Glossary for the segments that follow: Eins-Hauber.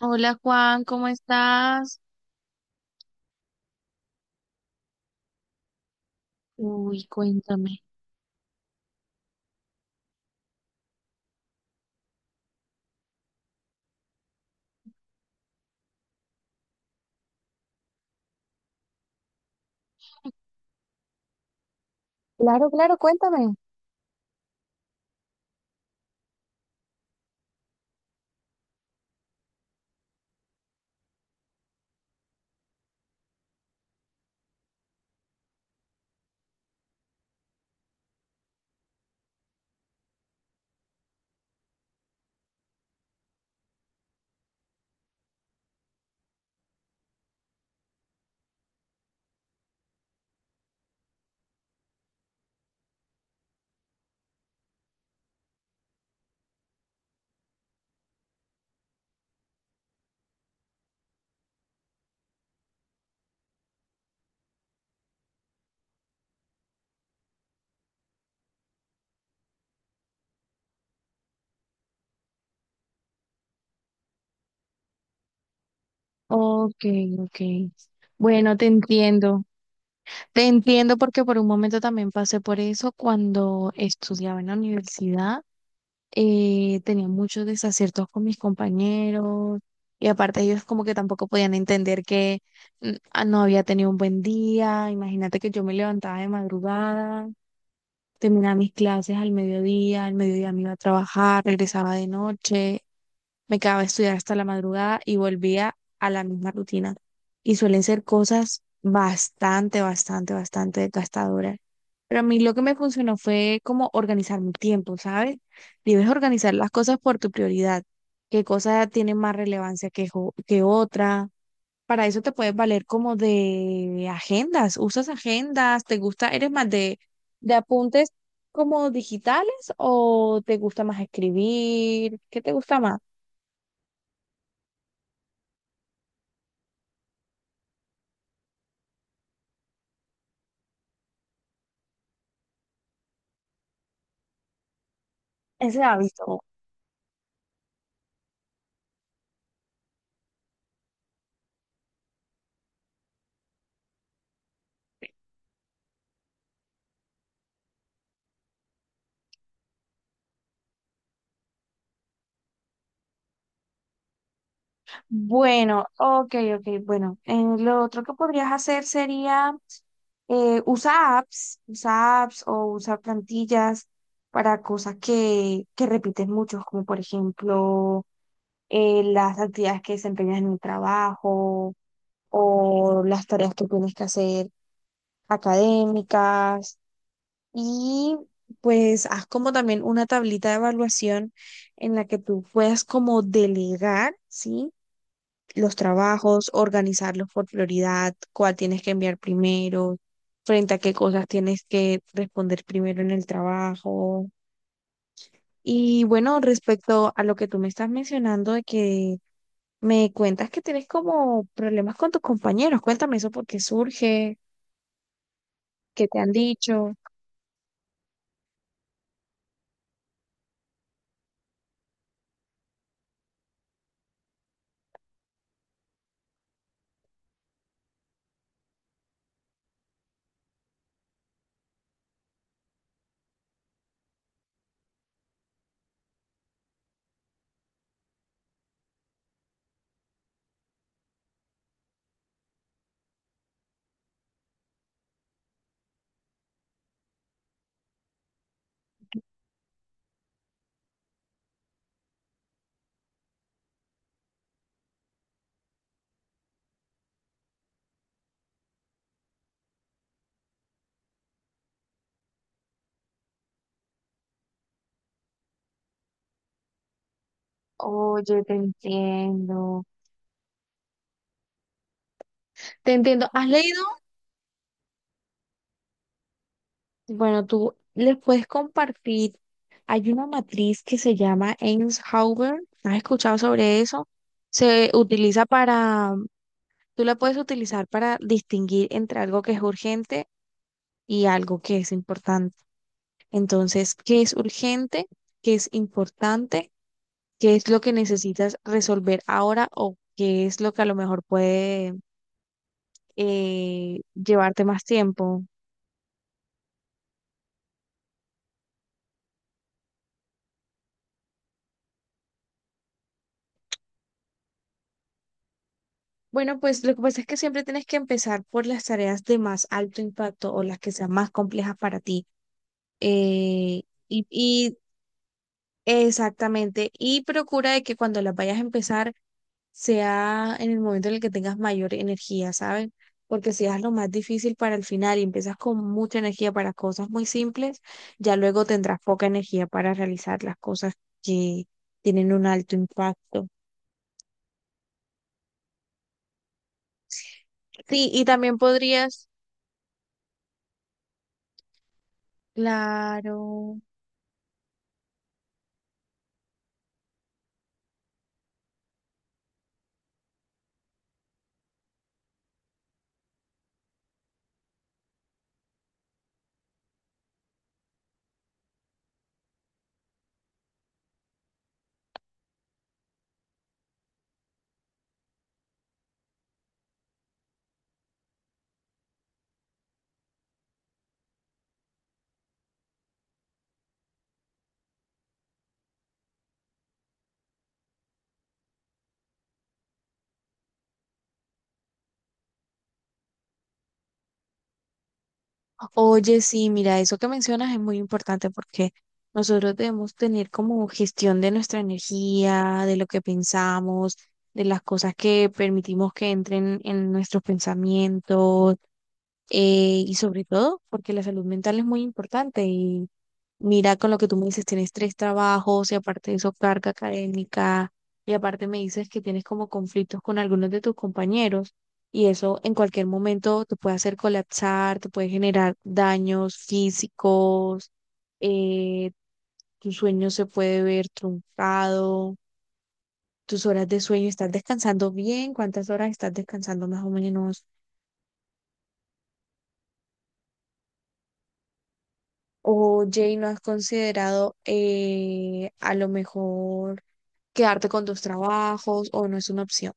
Hola Juan, ¿cómo estás? Uy, cuéntame. Claro, claro, cuéntame. Ok, ok. Bueno, te entiendo. Te entiendo porque por un momento también pasé por eso cuando estudiaba en la universidad. Tenía muchos desaciertos con mis compañeros y aparte ellos como que tampoco podían entender que no había tenido un buen día. Imagínate que yo me levantaba de madrugada, terminaba mis clases al mediodía me iba a trabajar, regresaba de noche. Me quedaba a estudiar hasta la madrugada y volvía a la misma rutina. Y suelen ser cosas bastante, bastante, bastante desgastadoras. Pero a mí lo que me funcionó fue como organizar mi tiempo, ¿sabes? Debes organizar las cosas por tu prioridad, qué cosa tiene más relevancia que, que otra. Para eso te puedes valer como de agendas, usas agendas, te gusta, eres más de apuntes como digitales o te gusta más escribir, ¿qué te gusta más? Ese hábito. Bueno, ok, ok. Bueno, en lo otro que podrías hacer sería usa apps, o usar plantillas para cosas que repites mucho, como por ejemplo las actividades que desempeñas en el trabajo o las tareas que tienes que hacer académicas. Y pues haz como también una tablita de evaluación en la que tú puedas como delegar, ¿sí? Los trabajos, organizarlos por prioridad, cuál tienes que enviar primero, frente a qué cosas tienes que responder primero en el trabajo. Y bueno, respecto a lo que tú me estás mencionando de que me cuentas que tienes como problemas con tus compañeros, cuéntame eso, por qué surge, qué te han dicho. Oye, te entiendo. Te entiendo. ¿Has leído? Bueno, tú les puedes compartir. Hay una matriz que se llama Eins-Hauber. ¿Has escuchado sobre eso? Se utiliza para, tú la puedes utilizar para distinguir entre algo que es urgente y algo que es importante. Entonces, ¿qué es urgente? ¿Qué es importante? ¿Qué es lo que necesitas resolver ahora o qué es lo que a lo mejor puede llevarte más tiempo? Bueno, pues lo que pasa es que siempre tienes que empezar por las tareas de más alto impacto o las que sean más complejas para ti. Eh, y, y exactamente, y procura de que cuando las vayas a empezar sea en el momento en el que tengas mayor energía, ¿saben? Porque si haces lo más difícil para el final y empiezas con mucha energía para cosas muy simples, ya luego tendrás poca energía para realizar las cosas que tienen un alto impacto. Sí, y también podrías, claro. Oye, sí, mira, eso que mencionas es muy importante porque nosotros debemos tener como gestión de nuestra energía, de lo que pensamos, de las cosas que permitimos que entren en nuestros pensamientos, y sobre todo porque la salud mental es muy importante. Mira, con lo que tú me dices, tienes tres trabajos y aparte de eso, carga académica, y aparte me dices que tienes como conflictos con algunos de tus compañeros, y eso en cualquier momento te puede hacer colapsar, te puede generar daños físicos, eh, tu sueño se puede ver truncado, tus horas de sueño, ¿estás descansando bien? ¿Cuántas horas estás descansando más o menos? Oye, ¿y no has considerado a lo mejor quedarte con tus trabajos o no es una opción?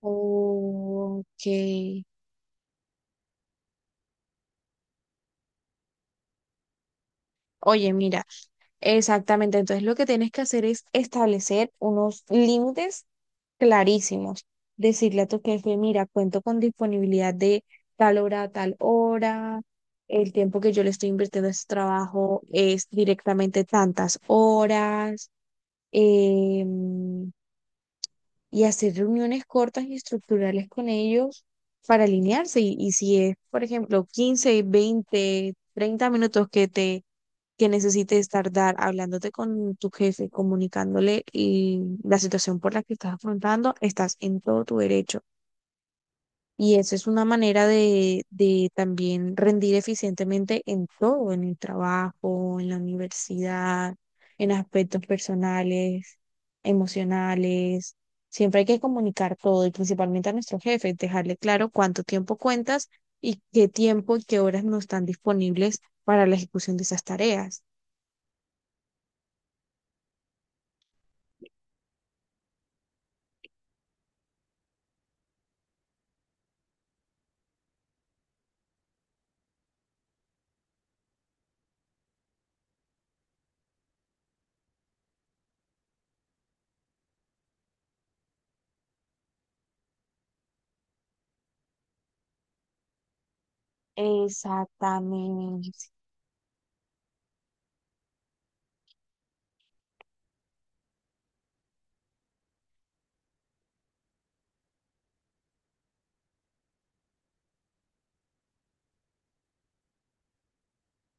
Ok. Oye, mira, exactamente. Entonces lo que tienes que hacer es establecer unos límites clarísimos. Decirle a tu jefe, mira, cuento con disponibilidad de tal hora a tal hora. El tiempo que yo le estoy invirtiendo a este trabajo es directamente tantas horas. Eh, y hacer reuniones cortas y estructurales con ellos para alinearse. Y si es, por ejemplo, 15, 20, 30 minutos que necesites tardar hablándote con tu jefe, comunicándole y la situación por la que estás afrontando, estás en todo tu derecho, y eso es una manera de también rendir eficientemente en todo, en el trabajo, en la universidad, en aspectos personales, emocionales. Siempre hay que comunicar todo y principalmente a nuestro jefe, dejarle claro cuánto tiempo cuentas y qué tiempo y qué horas no están disponibles para la ejecución de esas tareas. Exactamente.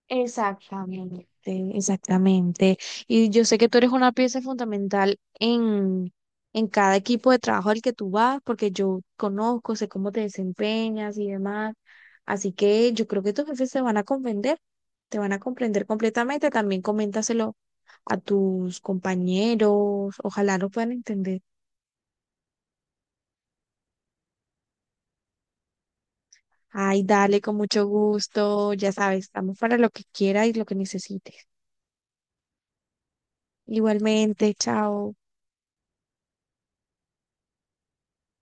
Exactamente, exactamente. Y yo sé que tú eres una pieza fundamental en cada equipo de trabajo al que tú vas, porque yo conozco, sé cómo te desempeñas y demás. Así que yo creo que tus jefes se van a comprender, te van a comprender completamente. También coméntaselo a tus compañeros, ojalá lo puedan entender. Ay, dale, con mucho gusto, ya sabes, estamos para lo que quieras y lo que necesites. Igualmente, chao.